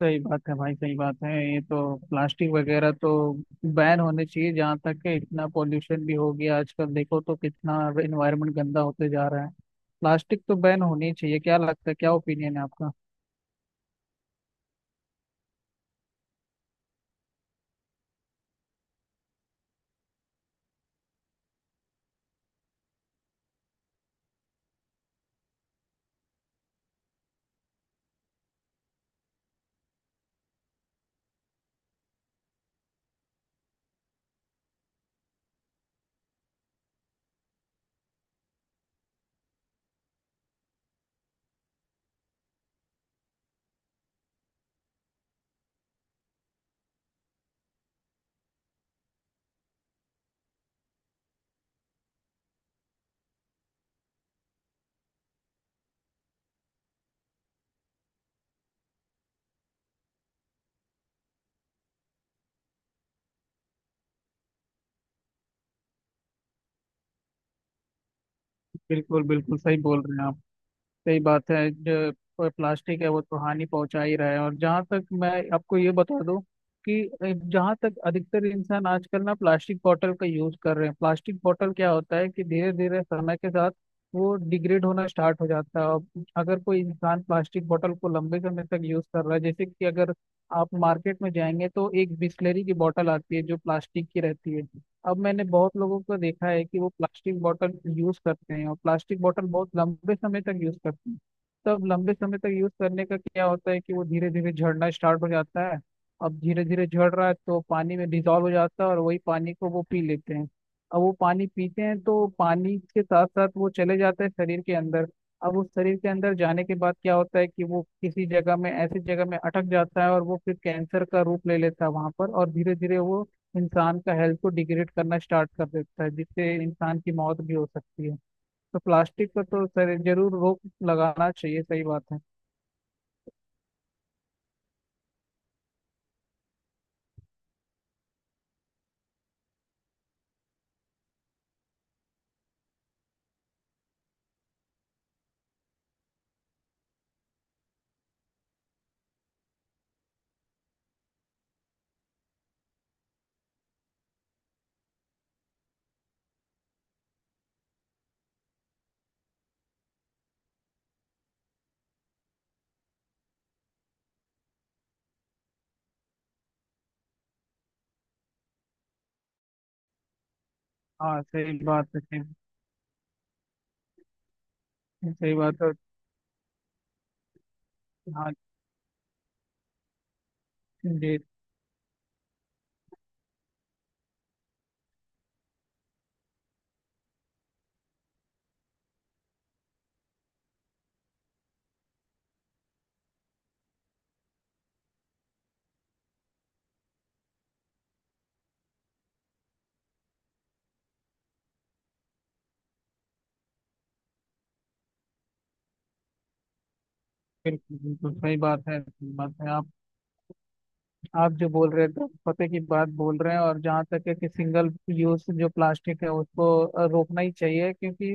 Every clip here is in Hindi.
सही बात है भाई। सही बात है, ये तो प्लास्टिक वगैरह तो बैन होने चाहिए। जहाँ तक है, इतना पोल्यूशन भी हो गया आजकल, देखो तो कितना एनवायरनमेंट गंदा होते जा रहा है। प्लास्टिक तो बैन होनी चाहिए। क्या लगता है, क्या ओपिनियन है आपका? बिल्कुल बिल्कुल सही बोल रहे हैं आप। सही बात है। जो प्लास्टिक है वो तो हानि पहुंचा ही रहा है। और जहाँ तक, मैं आपको ये बता दूं कि जहाँ तक अधिकतर इंसान आजकल ना प्लास्टिक बॉटल का यूज कर रहे हैं, प्लास्टिक बॉटल क्या होता है कि धीरे धीरे समय के साथ वो डिग्रेड होना स्टार्ट हो जाता है। और अगर कोई इंसान प्लास्टिक बॉटल को लंबे समय तक यूज कर रहा है, जैसे कि अगर आप मार्केट में जाएंगे तो एक बिस्लेरी की बॉटल आती है जो प्लास्टिक की रहती है। अब मैंने बहुत लोगों को देखा है कि वो प्लास्टिक बॉटल यूज करते हैं, और प्लास्टिक बॉटल बहुत लंबे समय तक यूज करते हैं। तब लंबे समय तक यूज करने का क्या होता है कि वो धीरे धीरे झड़ना स्टार्ट हो जाता है। अब धीरे धीरे झड़ रहा है तो पानी में डिजॉल्व हो जाता है, और वही पानी को वो पी लेते हैं। अब वो पानी पीते हैं तो पानी के साथ साथ वो चले जाते हैं शरीर के अंदर। अब उस शरीर के अंदर जाने के बाद क्या होता है कि वो किसी जगह में, ऐसी जगह में अटक जाता है और वो फिर कैंसर का रूप ले लेता है वहां पर। और धीरे धीरे वो इंसान का हेल्थ को डिग्रेड करना स्टार्ट कर देता है, जिससे इंसान की मौत भी हो सकती है। तो प्लास्टिक पर तो सर जरूर रोक लगाना चाहिए। सही बात है। हाँ सही बात है। सही, सही बात है। हाँ जी, बिल्कुल बिल्कुल सही बात है। सही बात है आप। आप जो बोल रहे थे पते की बात बोल रहे हैं। और जहाँ तक है कि सिंगल यूज जो प्लास्टिक है उसको रोकना ही चाहिए, क्योंकि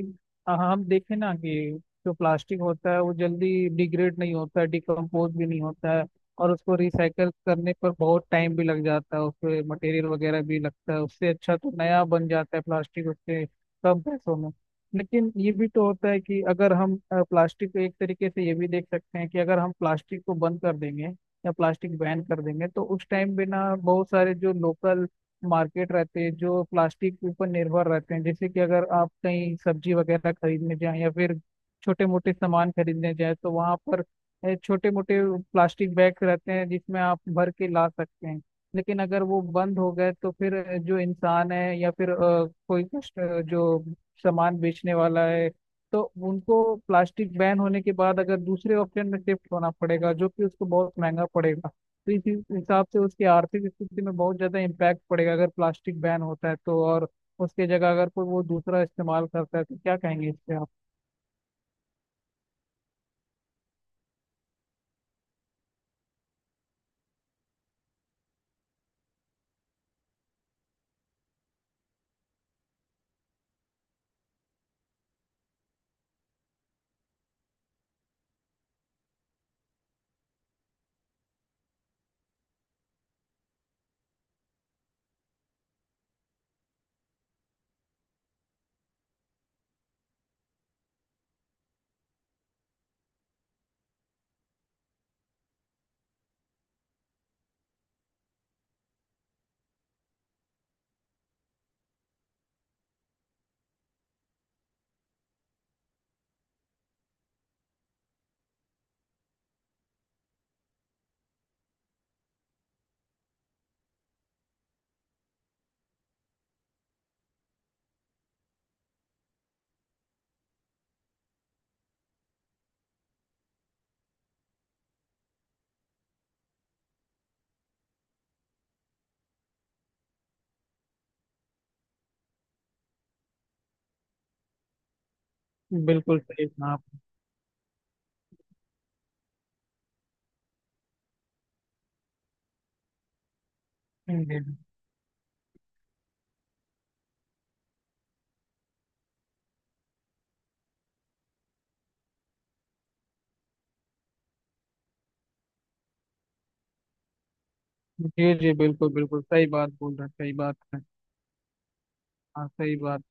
हम देखें ना कि जो प्लास्टिक होता है वो जल्दी डिग्रेड नहीं होता है, डिकम्पोज भी नहीं होता है। और उसको रिसाइकल करने पर बहुत टाइम भी लग जाता है, उसपे मटेरियल वगैरह भी लगता है। उससे अच्छा तो नया बन जाता है प्लास्टिक उसके कम पैसों में। लेकिन ये भी तो होता है कि अगर हम प्लास्टिक को एक तरीके से ये भी देख सकते हैं कि अगर हम प्लास्टिक को बंद कर देंगे या प्लास्टिक बैन कर देंगे, तो उस टाइम बिना, बहुत सारे जो लोकल मार्केट रहते हैं जो प्लास्टिक के ऊपर निर्भर रहते हैं, जैसे कि अगर आप कहीं सब्जी वगैरह खरीदने जाएं या फिर छोटे मोटे सामान खरीदने जाएं तो वहाँ पर छोटे मोटे प्लास्टिक बैग रहते हैं जिसमें आप भर के ला सकते हैं। लेकिन अगर वो बंद हो गए तो फिर जो इंसान है या फिर जो सामान बेचने वाला है, तो उनको प्लास्टिक बैन होने के बाद अगर दूसरे ऑप्शन में शिफ्ट होना पड़ेगा, जो कि उसको बहुत महंगा पड़ेगा। तो इस हिसाब से उसकी आर्थिक स्थिति में बहुत ज़्यादा इम्पैक्ट पड़ेगा अगर प्लास्टिक बैन होता है, तो और उसके जगह अगर कोई वो दूसरा इस्तेमाल करता है तो क्या कहेंगे इस पे आप? बिल्कुल सही कहा आप। जी जी। जी, बिल्कुल बिल्कुल सही बात बोल रहे हैं। सही बात है। हाँ सही बात।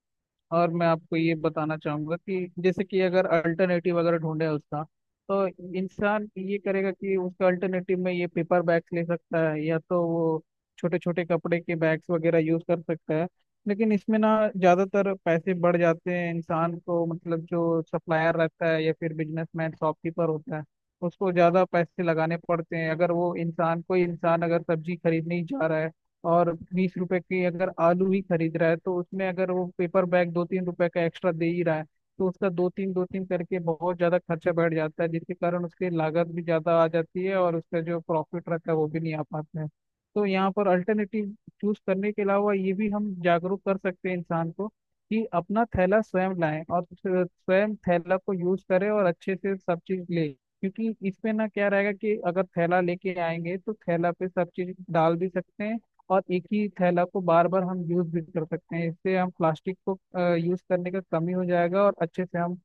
और मैं आपको ये बताना चाहूंगा कि जैसे कि अगर अल्टरनेटिव अगर ढूंढे उसका, तो इंसान ये करेगा कि उसका अल्टरनेटिव में ये पेपर बैग्स ले सकता है, या तो वो छोटे छोटे कपड़े के बैग्स वगैरह यूज कर सकता है। लेकिन इसमें ना, ज्यादातर पैसे बढ़ जाते हैं इंसान को, मतलब जो सप्लायर रहता है या फिर बिजनेसमैन शॉपकीपर होता है उसको ज्यादा पैसे लगाने पड़ते हैं। अगर वो इंसान, कोई इंसान अगर सब्जी खरीदने ही जा रहा है और 20 रुपए की अगर आलू ही खरीद रहा है, तो उसमें अगर वो पेपर बैग दो तीन रुपए का एक्स्ट्रा दे ही रहा है तो उसका दो तीन, दो तीन करके बहुत ज्यादा खर्चा बढ़ जाता है, जिसके कारण उसकी लागत भी ज्यादा आ जाती है और उसका जो प्रॉफिट रहता है वो भी नहीं आ पाता है। तो यहाँ पर अल्टरनेटिव चूज करने के अलावा ये भी हम जागरूक कर सकते हैं इंसान को कि अपना थैला स्वयं लाएं और स्वयं थैला को यूज करें और अच्छे से सब चीज ले। क्योंकि इसमें ना क्या रहेगा कि अगर थैला लेके आएंगे तो थैला पे सब चीज डाल भी सकते हैं, और एक ही थैला को बार बार हम यूज भी कर सकते हैं, इससे हम प्लास्टिक को यूज करने का कमी हो जाएगा और अच्छे से हम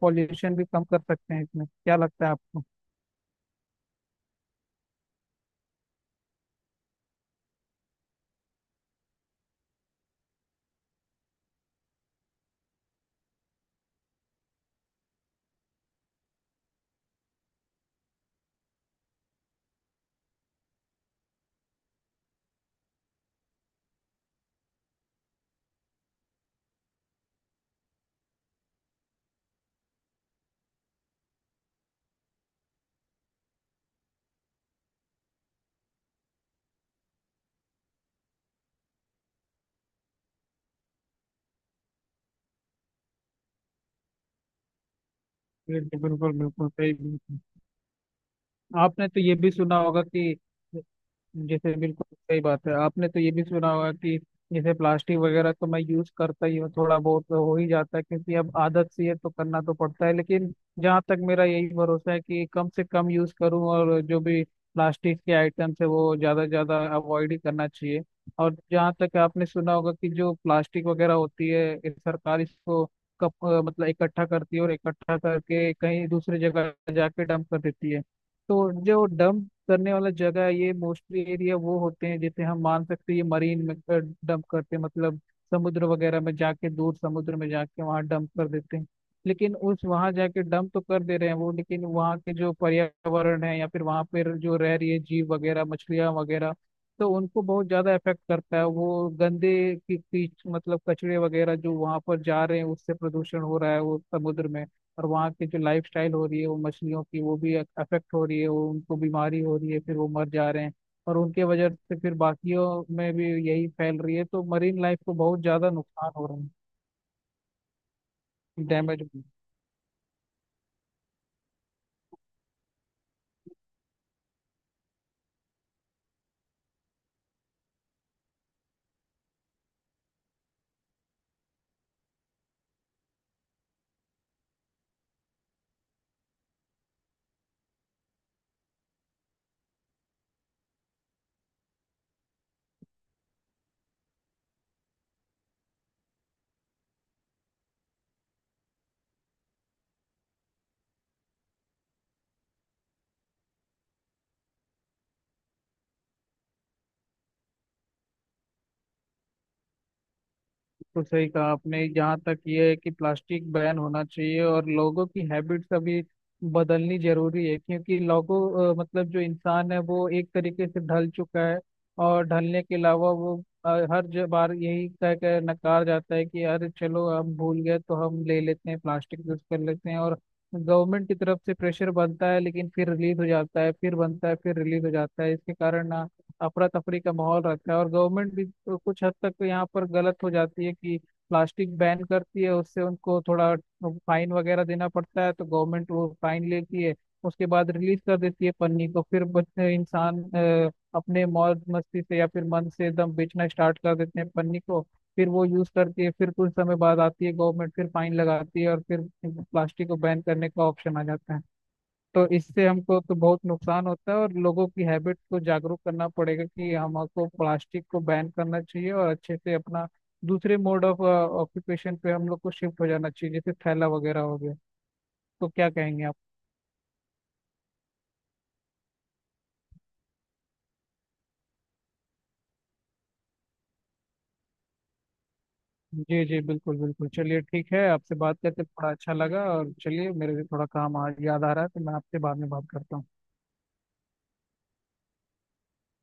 पॉल्यूशन भी कम कर सकते हैं। इसमें क्या लगता है आपको? बिल्कुल बिल्कुल बिल्कुल सही बिल्कुल। आपने तो ये भी सुना होगा कि, जैसे, बिल्कुल सही बात है। आपने तो ये भी सुना होगा कि जैसे प्लास्टिक वगैरह तो मैं यूज करता ही हूँ, थोड़ा बहुत तो हो ही जाता है क्योंकि अब आदत सी है तो करना तो पड़ता है। लेकिन जहाँ तक मेरा यही भरोसा है कि कम से कम यूज करूँ, और जो भी प्लास्टिक के आइटम्स है वो ज्यादा से ज्यादा अवॉइड ही करना चाहिए। और जहाँ तक आपने सुना होगा कि जो प्लास्टिक वगैरह होती है, इस सरकार इसको मतलब इकट्ठा करती है और इकट्ठा करके कहीं दूसरी जगह जाके डंप कर देती है। तो जो डंप करने वाला जगह है ये मोस्टली एरिया वो होते हैं, जैसे हम मान सकते हैं ये मरीन में डंप करते हैं, मतलब समुद्र वगैरह में जाके, दूर समुद्र में जाके वहाँ डंप कर देते हैं। लेकिन उस वहाँ जाके डंप तो कर दे रहे हैं वो, लेकिन वहाँ के जो पर्यावरण है या फिर वहाँ पर जो रह रही है जीव वगैरह मछलियाँ वगैरह, तो उनको बहुत ज्यादा इफेक्ट करता है। वो गंदे की कीच, मतलब कचरे वगैरह जो वहाँ पर जा रहे हैं, उससे प्रदूषण हो रहा है वो समुद्र में। और वहाँ की जो लाइफ स्टाइल हो रही है वो मछलियों की, वो भी अफेक्ट हो रही है, वो उनको बीमारी हो रही है फिर वो मर जा रहे हैं। और उनके वजह से फिर बाकियों में भी यही फैल रही है, तो मरीन लाइफ को बहुत ज़्यादा नुकसान हो रहा है, डैमेज। तो सही कहा आपने, जहाँ तक ये है कि प्लास्टिक बैन होना चाहिए और लोगों की हैबिट्स अभी बदलनी जरूरी है, क्योंकि मतलब जो इंसान है वो एक तरीके से ढल चुका है। और ढलने के अलावा वो हर बार यही कह कर नकार जाता है कि अरे चलो हम भूल गए तो हम ले लेते हैं, प्लास्टिक यूज कर लेते हैं। और गवर्नमेंट की तरफ से प्रेशर बनता है लेकिन फिर रिलीज हो जाता है, फिर बनता है फिर रिलीज हो जाता है। इसके कारण ना अफरा तफरी का माहौल रहता है, और गवर्नमेंट भी तो कुछ हद तक तो यहाँ पर गलत हो जाती है कि प्लास्टिक बैन करती है, उससे उनको थोड़ा फाइन वगैरह देना पड़ता है तो गवर्नमेंट वो फाइन लेती है, उसके बाद रिलीज कर देती है पन्नी को। फिर बच्चे इंसान अपने मौज मस्ती से या फिर मन से एकदम बेचना स्टार्ट कर देते हैं पन्नी को। फिर वो यूज करती है, फिर कुछ समय बाद आती है गवर्नमेंट फिर फाइन लगाती है, और फिर प्लास्टिक को बैन करने का ऑप्शन आ जाता है। तो इससे हमको तो बहुत नुकसान होता है, और लोगों की हैबिट को जागरूक करना पड़ेगा कि हमको प्लास्टिक को बैन करना चाहिए और अच्छे से अपना दूसरे मोड ऑफ ऑक्यूपेशन पे हम लोग को शिफ्ट हो जाना चाहिए, जैसे थैला वगैरह हो गया। तो क्या कहेंगे आप? जी जी बिल्कुल बिल्कुल। चलिए ठीक है, आपसे बात करके थोड़ा अच्छा लगा, और चलिए मेरे भी थोड़ा काम आज याद आ रहा है तो मैं आपसे बाद में बात करता हूँ।